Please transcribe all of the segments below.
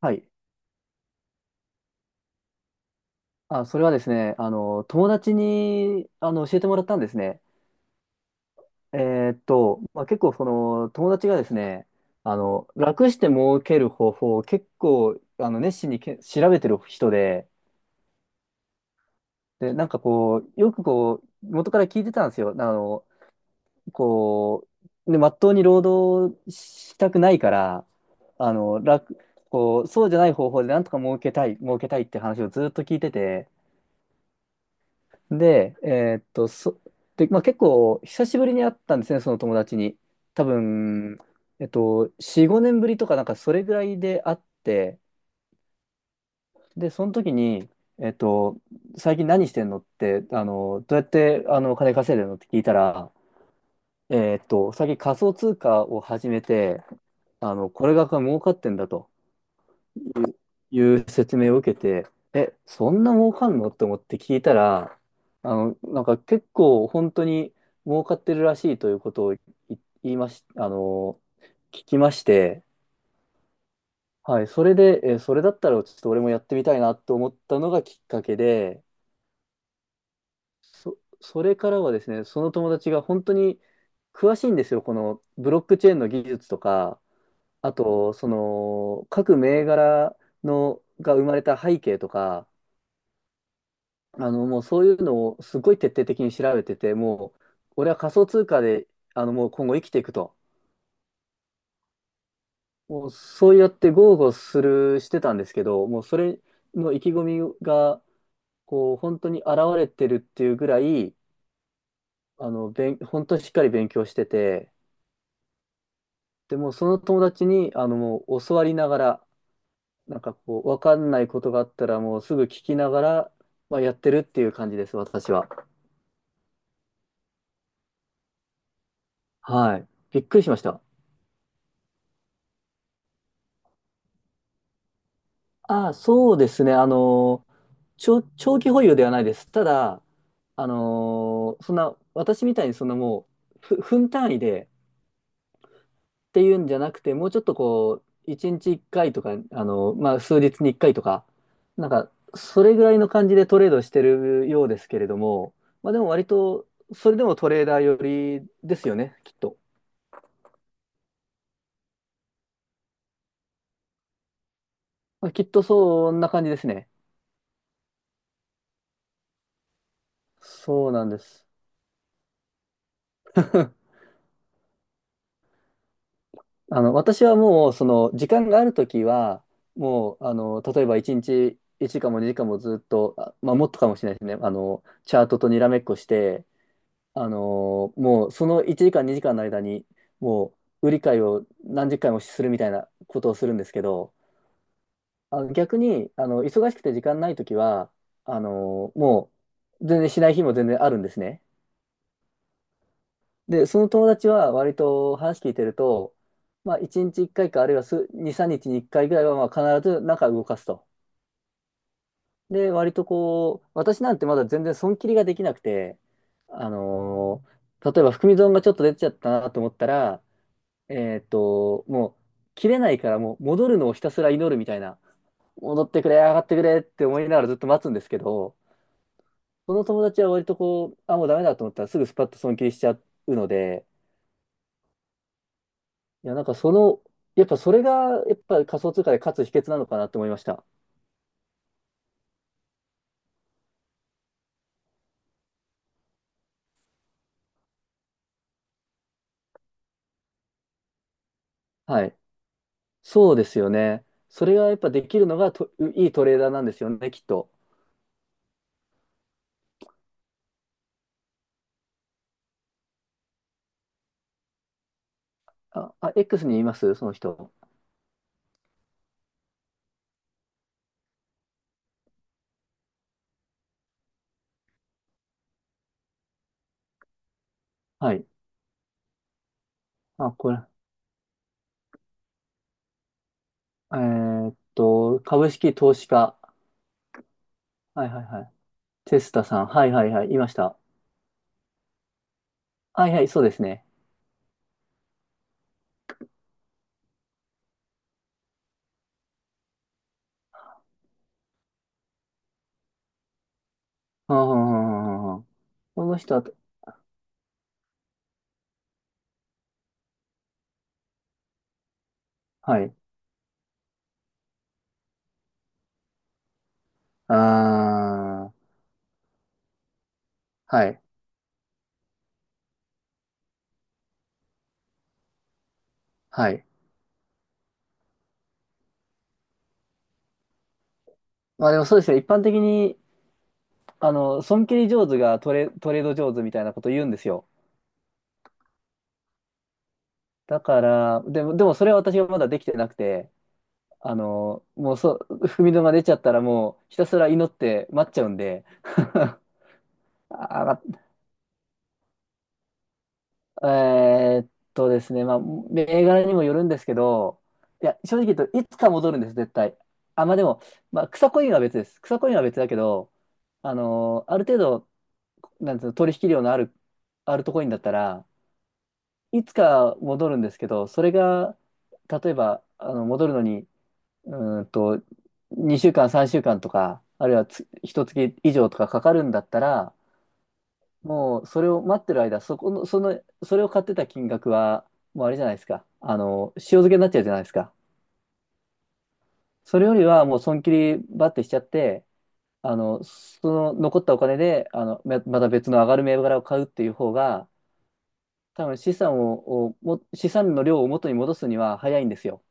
はい。あ、それはですね、友達に、教えてもらったんですね。えまあ、結構、友達がですね、楽して儲ける方法を結構、熱心に調べてる人で、で、よく元から聞いてたんですよ。こまっとうに労働したくないから、あの、楽、こう、そうじゃない方法でなんとか儲けたいって話をずっと聞いてて、で、まあ、結構久しぶりに会ったんですね、その友達に。多分、4、5年ぶりとか、なんかそれぐらいで会って、で、その時に、えっと、最近何してんのって、どうやって金稼いでるのって聞いたら、最近仮想通貨を始めて、これが儲かってんだと。いう説明を受けて、え、そんな儲かんのと思って聞いたら、なんか結構本当に儲かってるらしいということをい言いまし、あの、聞きまして、はい、それで、え、それだったらちょっと俺もやってみたいなと思ったのがきっかけで、それからはですね、その友達が本当に詳しいんですよ、このブロックチェーンの技術とか、あと、各銘柄が生まれた背景とか、もうそういうのをすごい徹底的に調べてて、もう、俺は仮想通貨で、もう今後生きていくと。もうそうやって豪語してたんですけど、もうそれの意気込みが、本当に現れてるっていうぐらい、本当にしっかり勉強してて、でもうその友達に、もう教わりながら、わかんないことがあったら、もうすぐ聞きながら、まあ、やってるっていう感じです、私は。はい。びっくりしました。ああ、そうですね。長期保有ではないです。ただ、そんな、私みたいにそんなもう、分単位でっていうんじゃなくて、もうちょっと1日1回とか、まあ、数日に1回とか、なんか、それぐらいの感じでトレードしてるようですけれども、まあ、でも割と、それでもトレーダー寄りですよね、きっと。まあ、きっとそんな感じですね。そうなんです。私はもう、時間があるときは、もう、例えば1日1時間も2時間もずっと、もっとかもしれないですね。チャートとにらめっこして、もう、その1時間2時間の間に、もう、売り買いを何十回もするみたいなことをするんですけど、逆に、忙しくて時間ないときは、もう、全然しない日も全然あるんですね。で、その友達は割と話聞いてると、まあ、1日1回か、あるいは2、3日に1回ぐらいは、まあ、必ず中動かすと。で、割と私なんてまだ全然損切りができなくて、あのー例えば含み損がちょっと出ちゃったなと思ったら、もう、切れないからもう戻るのをひたすら祈るみたいな、戻ってくれ、上がってくれって思いながらずっと待つんですけど、その友達は割とあ、もうダメだと思ったらすぐスパッと損切りしちゃうので、いや、やっぱそれが、やっぱ仮想通貨で勝つ秘訣なのかなって思いました。はい。そうですよね。それがやっぱできるのがいいトレーダーなんですよね、きっと。あ、X にいますその人。はい。あ、これ。株式投資家。はいはいはい。テスタさん。はいはいはい。いました。はいはい、そうですね。うんうんうんうんうんこの人は、はい。あー、はい。はい。まあでもそうですね。一般的に損切り上手がトレード上手みたいなこと言うんですよ。だから、でもそれは私がまだできてなくて、もう踏みのが出ちゃったらもうひたすら祈って待っちゃうんで。あ、ですね、まあ、銘柄にもよるんですけど、いや、正直言うといつか戻るんです、絶対。あ、まあでも、まあ、草コインは別です。草コインは別だけど、ある程度、なんていうの、取引量のあるコインだったら、いつか戻るんですけど、それが、例えば、戻るのに、うーんと、2週間、3週間とか、あるいは1月以上とかかかるんだったら、もう、それを待ってる間、そこの、その、それを買ってた金額は、もうあれじゃないですか。塩漬けになっちゃうじゃないですか。それよりは、もう、損切りバッてしちゃって、その残ったお金で、ままた別の上がる銘柄を買うっていう方が、多分資産の量を元に戻すには早いんですよ。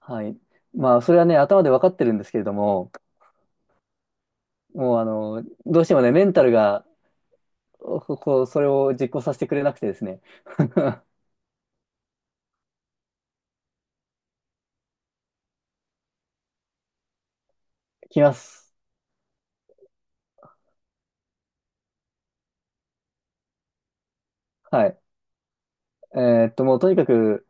はい。まあ、それはね、頭で分かってるんですけれども、もう、どうしてもね、メンタルが、それを実行させてくれなくてですね。きます。はい。もう、とにかく、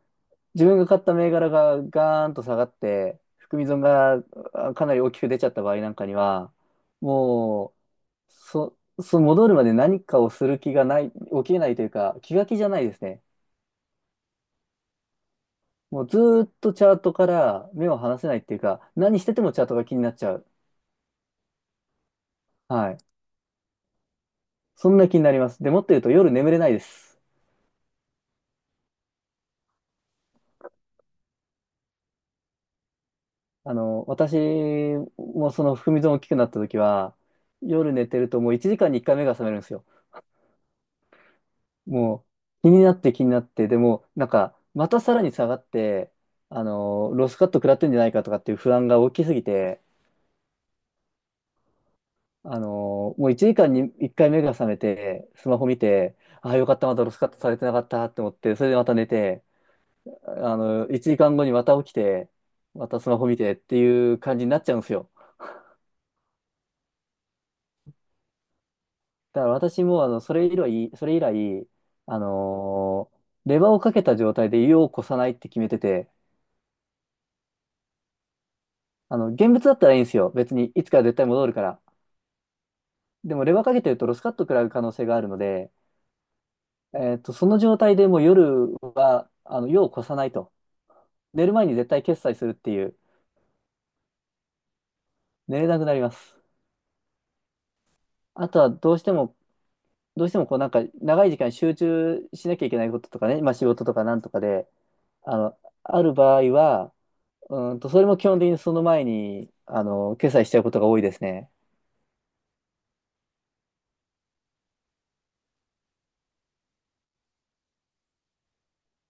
自分が買った銘柄がガーンと下がって、含み損があかなり大きく出ちゃった場合なんかには、もう、その戻るまで何かをする気がない、起きれないというか、気が気じゃないですね。もうずーっとチャートから目を離せないっていうか、何しててもチャートが気になっちゃう。はい。そんな気になります。で、もっと言うと夜眠れないです。私もその含み損大きくなった時は、夜寝てるともう1時間に1回目が覚めるんですよ。もう気になって気になって、でもなんかまたさらに下がって、ロスカット食らってんじゃないかとかっていう不安が大きすぎて、あの、もう1時間に1回目が覚めて、スマホ見て、ああよかった、まだロスカットされてなかったって思って、それでまた寝て、1時間後にまた起きて、またスマホ見てっていう感じになっちゃうんですよ。だから私も、それ以来、あのーレバーをかけた状態で湯をこさないって決めてて、現物だったらいいんですよ。別に、いつか絶対戻るから。でも、レバーかけてるとロスカット食らう可能性があるので、その状態でもう夜は、湯をこさないと。寝る前に絶対決済するっていう、寝れなくなります。あとは、どうしてもなんか、長い時間集中しなきゃいけないこととかね、まあ、仕事とかなんとかで、ある場合は、それも基本的にその前に、決済しちゃうことが多いですね。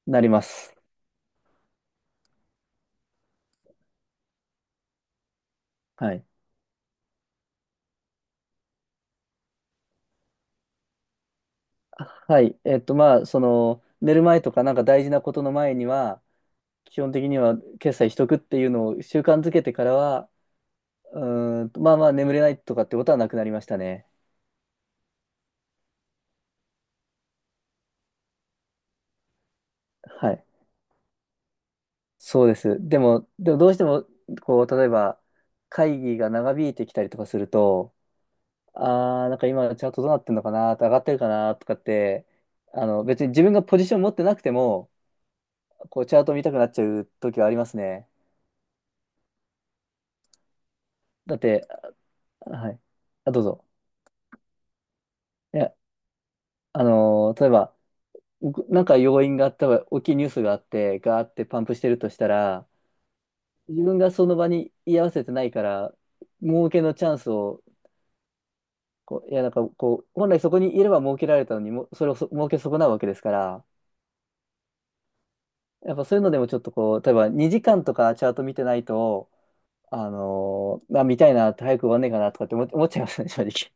なります。はい。あはい。まあ、寝る前とかなんか大事なことの前には、基本的には決済しとくっていうのを習慣づけてからは、うまあまあ眠れないとかってことはなくなりましたね。はい。そうです。でもどうしても、例えば、会議が長引いてきたりとかすると、ああ、なんか今チャートどうなってんのかな、上がってるかなとかって、別に自分がポジション持ってなくても、チャート見たくなっちゃう時はありますね。だって、はい。あ、どうぞ。いや、例えば、なんか要因があったら、大きいニュースがあって、ガーってパンプしてるとしたら、自分がその場に居合わせてないから、儲けのチャンスを、本来そこにいれば儲けられたのにも、それを儲け損なうわけですから、やっぱそういうのでもちょっと例えば2時間とかチャート見てないと、まあ、見たいな、早く終わんねえかなとかって思っちゃいますね、正直。